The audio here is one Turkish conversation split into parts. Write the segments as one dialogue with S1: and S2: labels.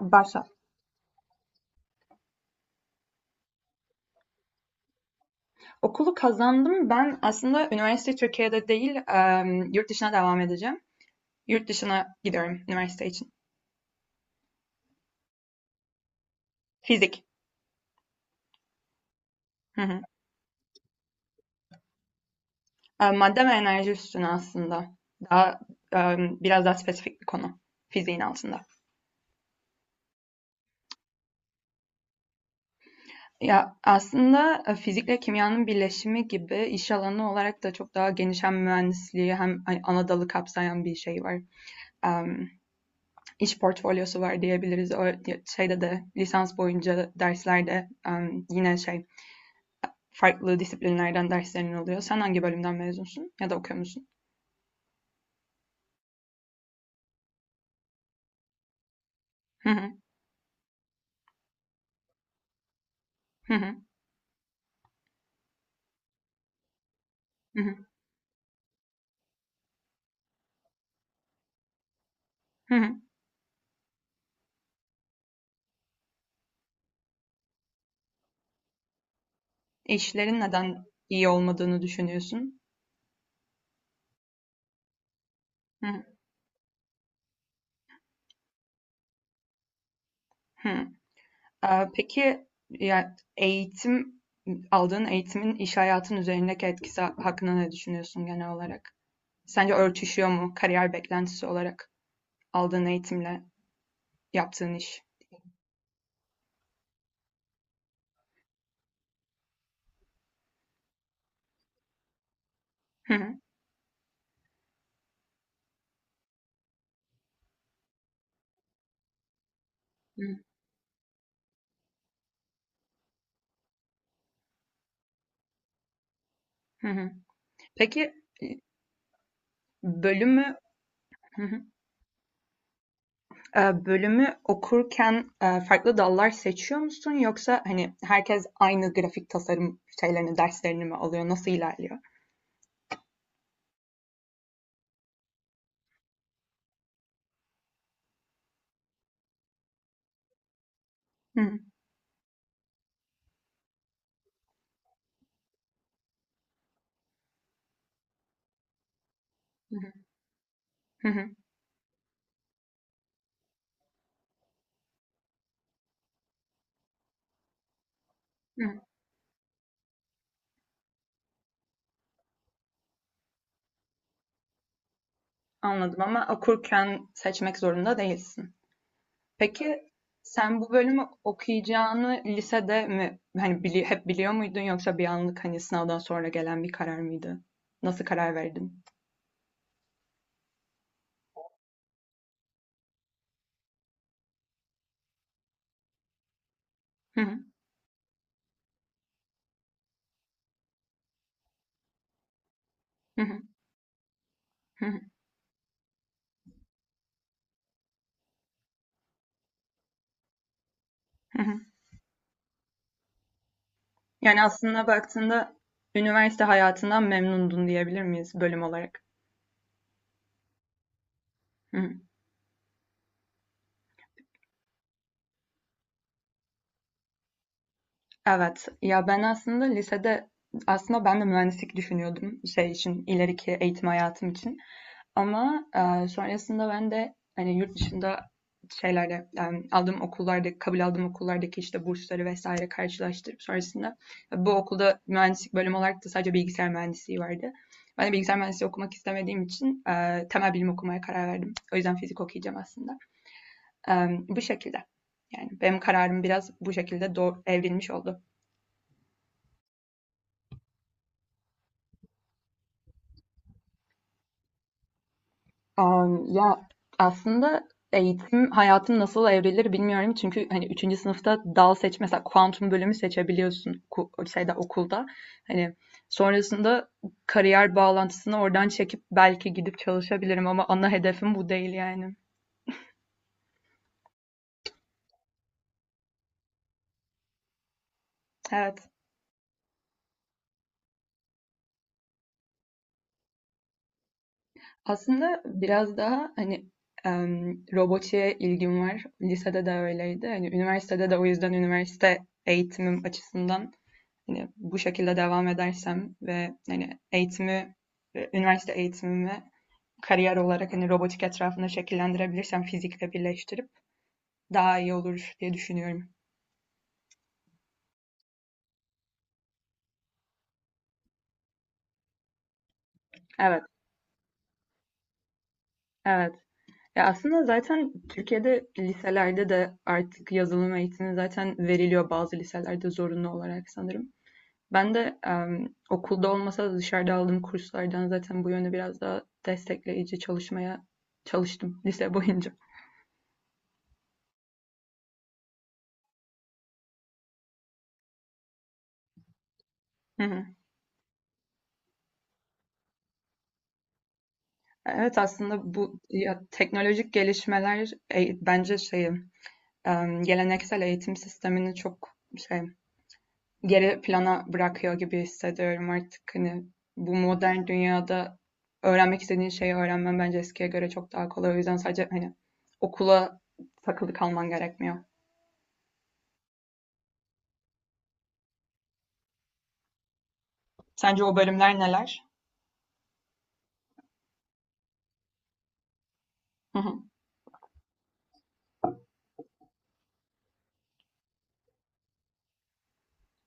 S1: Başla. Okulu kazandım. Ben aslında üniversite Türkiye'de değil, yurt dışına devam edeceğim. Yurt dışına gidiyorum üniversite için. Fizik. Hı hı. Madde ve enerji üstüne aslında. Daha biraz daha spesifik bir konu. Fiziğin altında. Ya aslında fizikle kimyanın birleşimi gibi iş alanı olarak da çok daha geniş, hem mühendisliği hem hani ana dalı kapsayan bir şey var. Em, iş portfolyosu var diyebiliriz. O şeyde de lisans boyunca derslerde yine şey, farklı disiplinlerden derslerin oluyor. Sen hangi bölümden mezunsun ya da okuyor musun? Hı hı, hı hı, hı hı, hı. İşlerin neden iyi olmadığını düşünüyorsun? Hı hı, hı. Peki ya eğitim, aldığın eğitimin iş hayatın üzerindeki etkisi hakkında ne düşünüyorsun genel olarak? Sence örtüşüyor mu kariyer beklentisi olarak aldığın eğitimle yaptığın iş? Hı, hı hı, hı hı. Peki, e, bölümü hı hı. Bölümü okurken, farklı dallar seçiyor musun yoksa hani herkes aynı grafik tasarım şeylerini, derslerini mi alıyor? Nasıl ilerliyor? Hı hı. Hı hı. Hı hı. Anladım, ama okurken seçmek zorunda değilsin. Peki, sen bu bölümü okuyacağını lisede mi, hani, hep biliyor muydun, yoksa bir anlık, hani, sınavdan sonra gelen bir karar mıydı? Nasıl karar verdin? Hı hı. Hı hı. Hı hı. Yani aslında baktığında üniversite hayatından memnundun diyebilir miyiz bölüm olarak? Hı hı. Evet. Ya, ben aslında lisede, aslında ben de mühendislik düşünüyordum şey için, ileriki eğitim hayatım için. Ama, sonrasında ben de, hani, yurt dışında şeylerle, aldığım okullarda, kabul aldığım okullardaki, işte, bursları vesaire karşılaştırıp sonrasında bu okulda mühendislik bölümü olarak da sadece bilgisayar mühendisliği vardı. Ben de bilgisayar mühendisliği okumak istemediğim için, temel bilim okumaya karar verdim. O yüzden fizik okuyacağım aslında. Bu şekilde. Yani benim kararım biraz bu şekilde evrilmiş oldu. Ya aslında eğitim hayatım nasıl evrilir bilmiyorum. Çünkü hani üçüncü sınıfta dal seç mesela kuantum bölümü seçebiliyorsun, şeyde okulda. Hani sonrasında kariyer bağlantısını oradan çekip belki gidip çalışabilirim, ama ana hedefim bu değil yani. Evet. Aslında biraz daha hani robotiğe ilgim var. Lisede de öyleydi. Hani üniversitede de, o yüzden üniversite eğitimim açısından, hani bu şekilde devam edersem ve hani üniversite eğitimimi kariyer olarak hani robotik etrafında şekillendirebilirsem fizikle birleştirip daha iyi olur diye düşünüyorum. Evet, evet. Ya aslında zaten Türkiye'de liselerde de artık yazılım eğitimi zaten veriliyor, bazı liselerde zorunlu olarak sanırım. Ben de okulda olmasa da dışarıda aldığım kurslardan zaten bu yönde biraz daha destekleyici çalışmaya çalıştım lise boyunca. Hı hı. Evet, aslında bu ya, teknolojik gelişmeler bence geleneksel eğitim sistemini çok şey, geri plana bırakıyor gibi hissediyorum artık. Hani bu modern dünyada öğrenmek istediğin şeyi öğrenmen bence eskiye göre çok daha kolay. O yüzden sadece hani okula takılı kalman gerekmiyor. Sence o bölümler neler? Hı hı.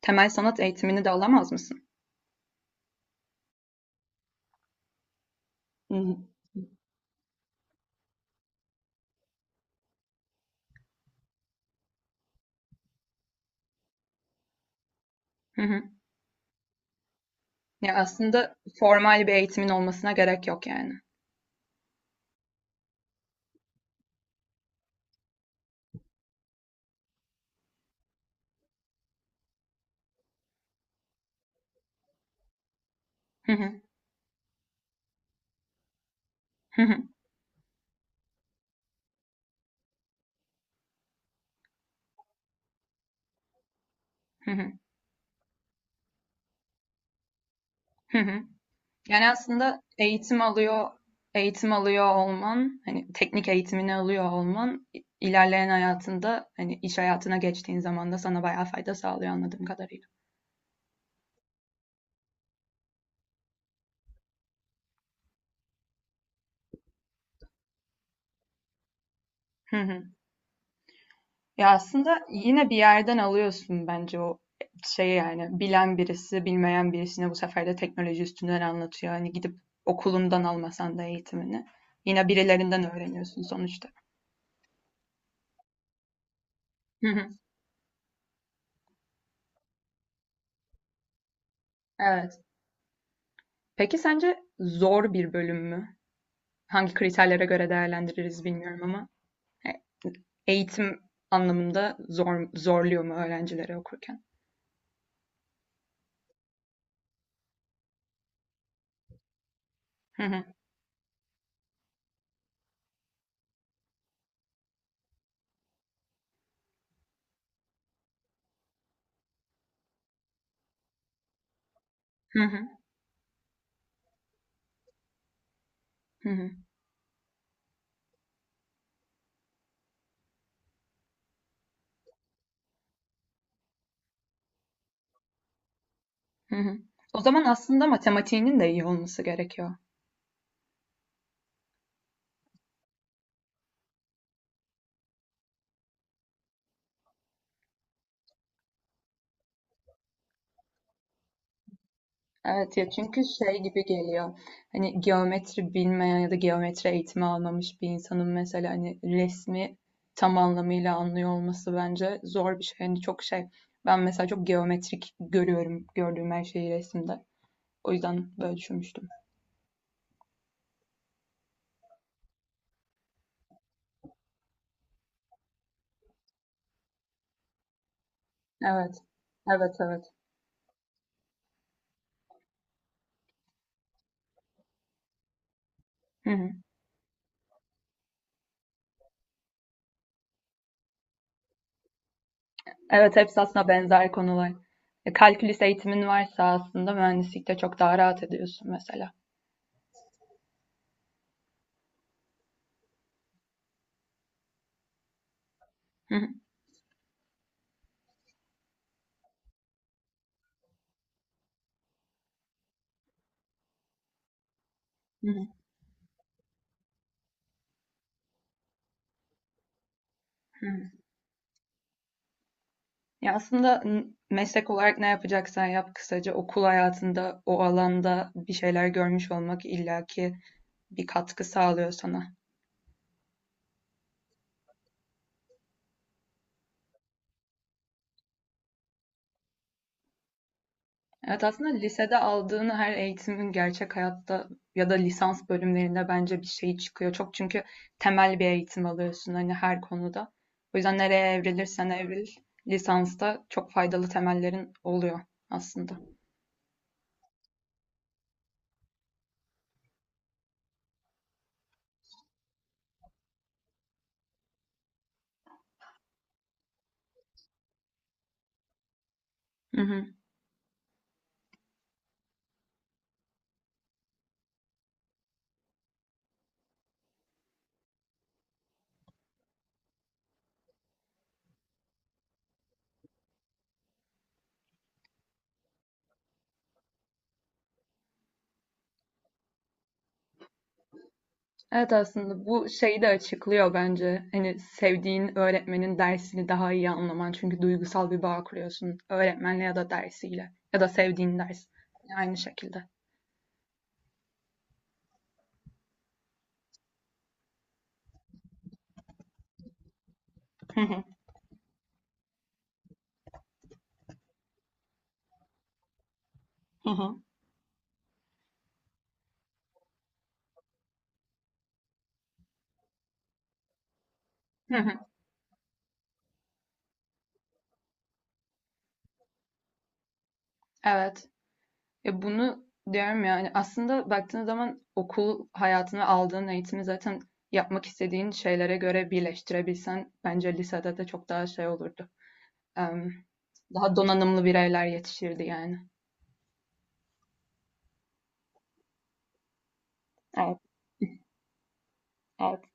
S1: Temel sanat eğitimini de alamaz mısın? Hı hı. Hı hı. Ya aslında formal bir eğitimin olmasına gerek yok yani. Hı hı. Hı hı. Hı hı. Hı hı. Yani aslında eğitim alıyor olman, hani teknik eğitimini alıyor olman ilerleyen hayatında, hani iş hayatına geçtiğin zaman da sana bayağı fayda sağlıyor anladığım kadarıyla. Hı hı. Ya aslında yine bir yerden alıyorsun bence o şey yani, bilen birisi bilmeyen birisine bu sefer de teknoloji üstünden anlatıyor. Hani gidip okulundan almasan da eğitimini yine birilerinden öğreniyorsun sonuçta. Hı hı. Evet. Peki sence zor bir bölüm mü? Hangi kriterlere göre değerlendiririz bilmiyorum ama e, eğitim anlamında zor, zorluyor mu öğrencileri okurken? Hı hı, hı hı, hı hı, hı hı. O zaman aslında matematiğinin de iyi olması gerekiyor. Evet ya, çünkü şey gibi geliyor. Hani geometri bilmeyen ya da geometri eğitimi almamış bir insanın mesela hani resmi tam anlamıyla anlıyor olması bence zor bir şey. Hani çok şey. Ben mesela çok geometrik görüyorum gördüğüm her şeyi resimde. O yüzden böyle düşünmüştüm. Evet. Evet, evet. Hı hı. Evet, hepsi aslında benzer konular. Kalkülüs eğitimin varsa aslında mühendislikte çok daha rahat ediyorsun mesela. Hı hı. Hı hı. Hı hı. Ya aslında meslek olarak ne yapacaksan yap, kısaca okul hayatında o alanda bir şeyler görmüş olmak illaki bir katkı sağlıyor sana. Evet, aslında lisede aldığın her eğitimin gerçek hayatta ya da lisans bölümlerinde bence bir şey çıkıyor. Çok, çünkü temel bir eğitim alıyorsun hani her konuda. O yüzden nereye evrilirsen evril, lisansta çok faydalı temellerin oluyor aslında. Hı hı. Evet, aslında bu şeyi de açıklıyor bence. Hani sevdiğin öğretmenin dersini daha iyi anlaman. Çünkü duygusal bir bağ kuruyorsun öğretmenle ya da dersiyle ya da sevdiğin ders. Aynı şekilde. Hı hı. Hı hı. Evet. Ya, bunu diyorum yani. Aslında baktığın zaman okul hayatını, aldığın eğitimi zaten yapmak istediğin şeylere göre birleştirebilsen bence lisede de çok daha şey olurdu. Em, daha donanımlı bireyler yetişirdi yani. Evet, evet.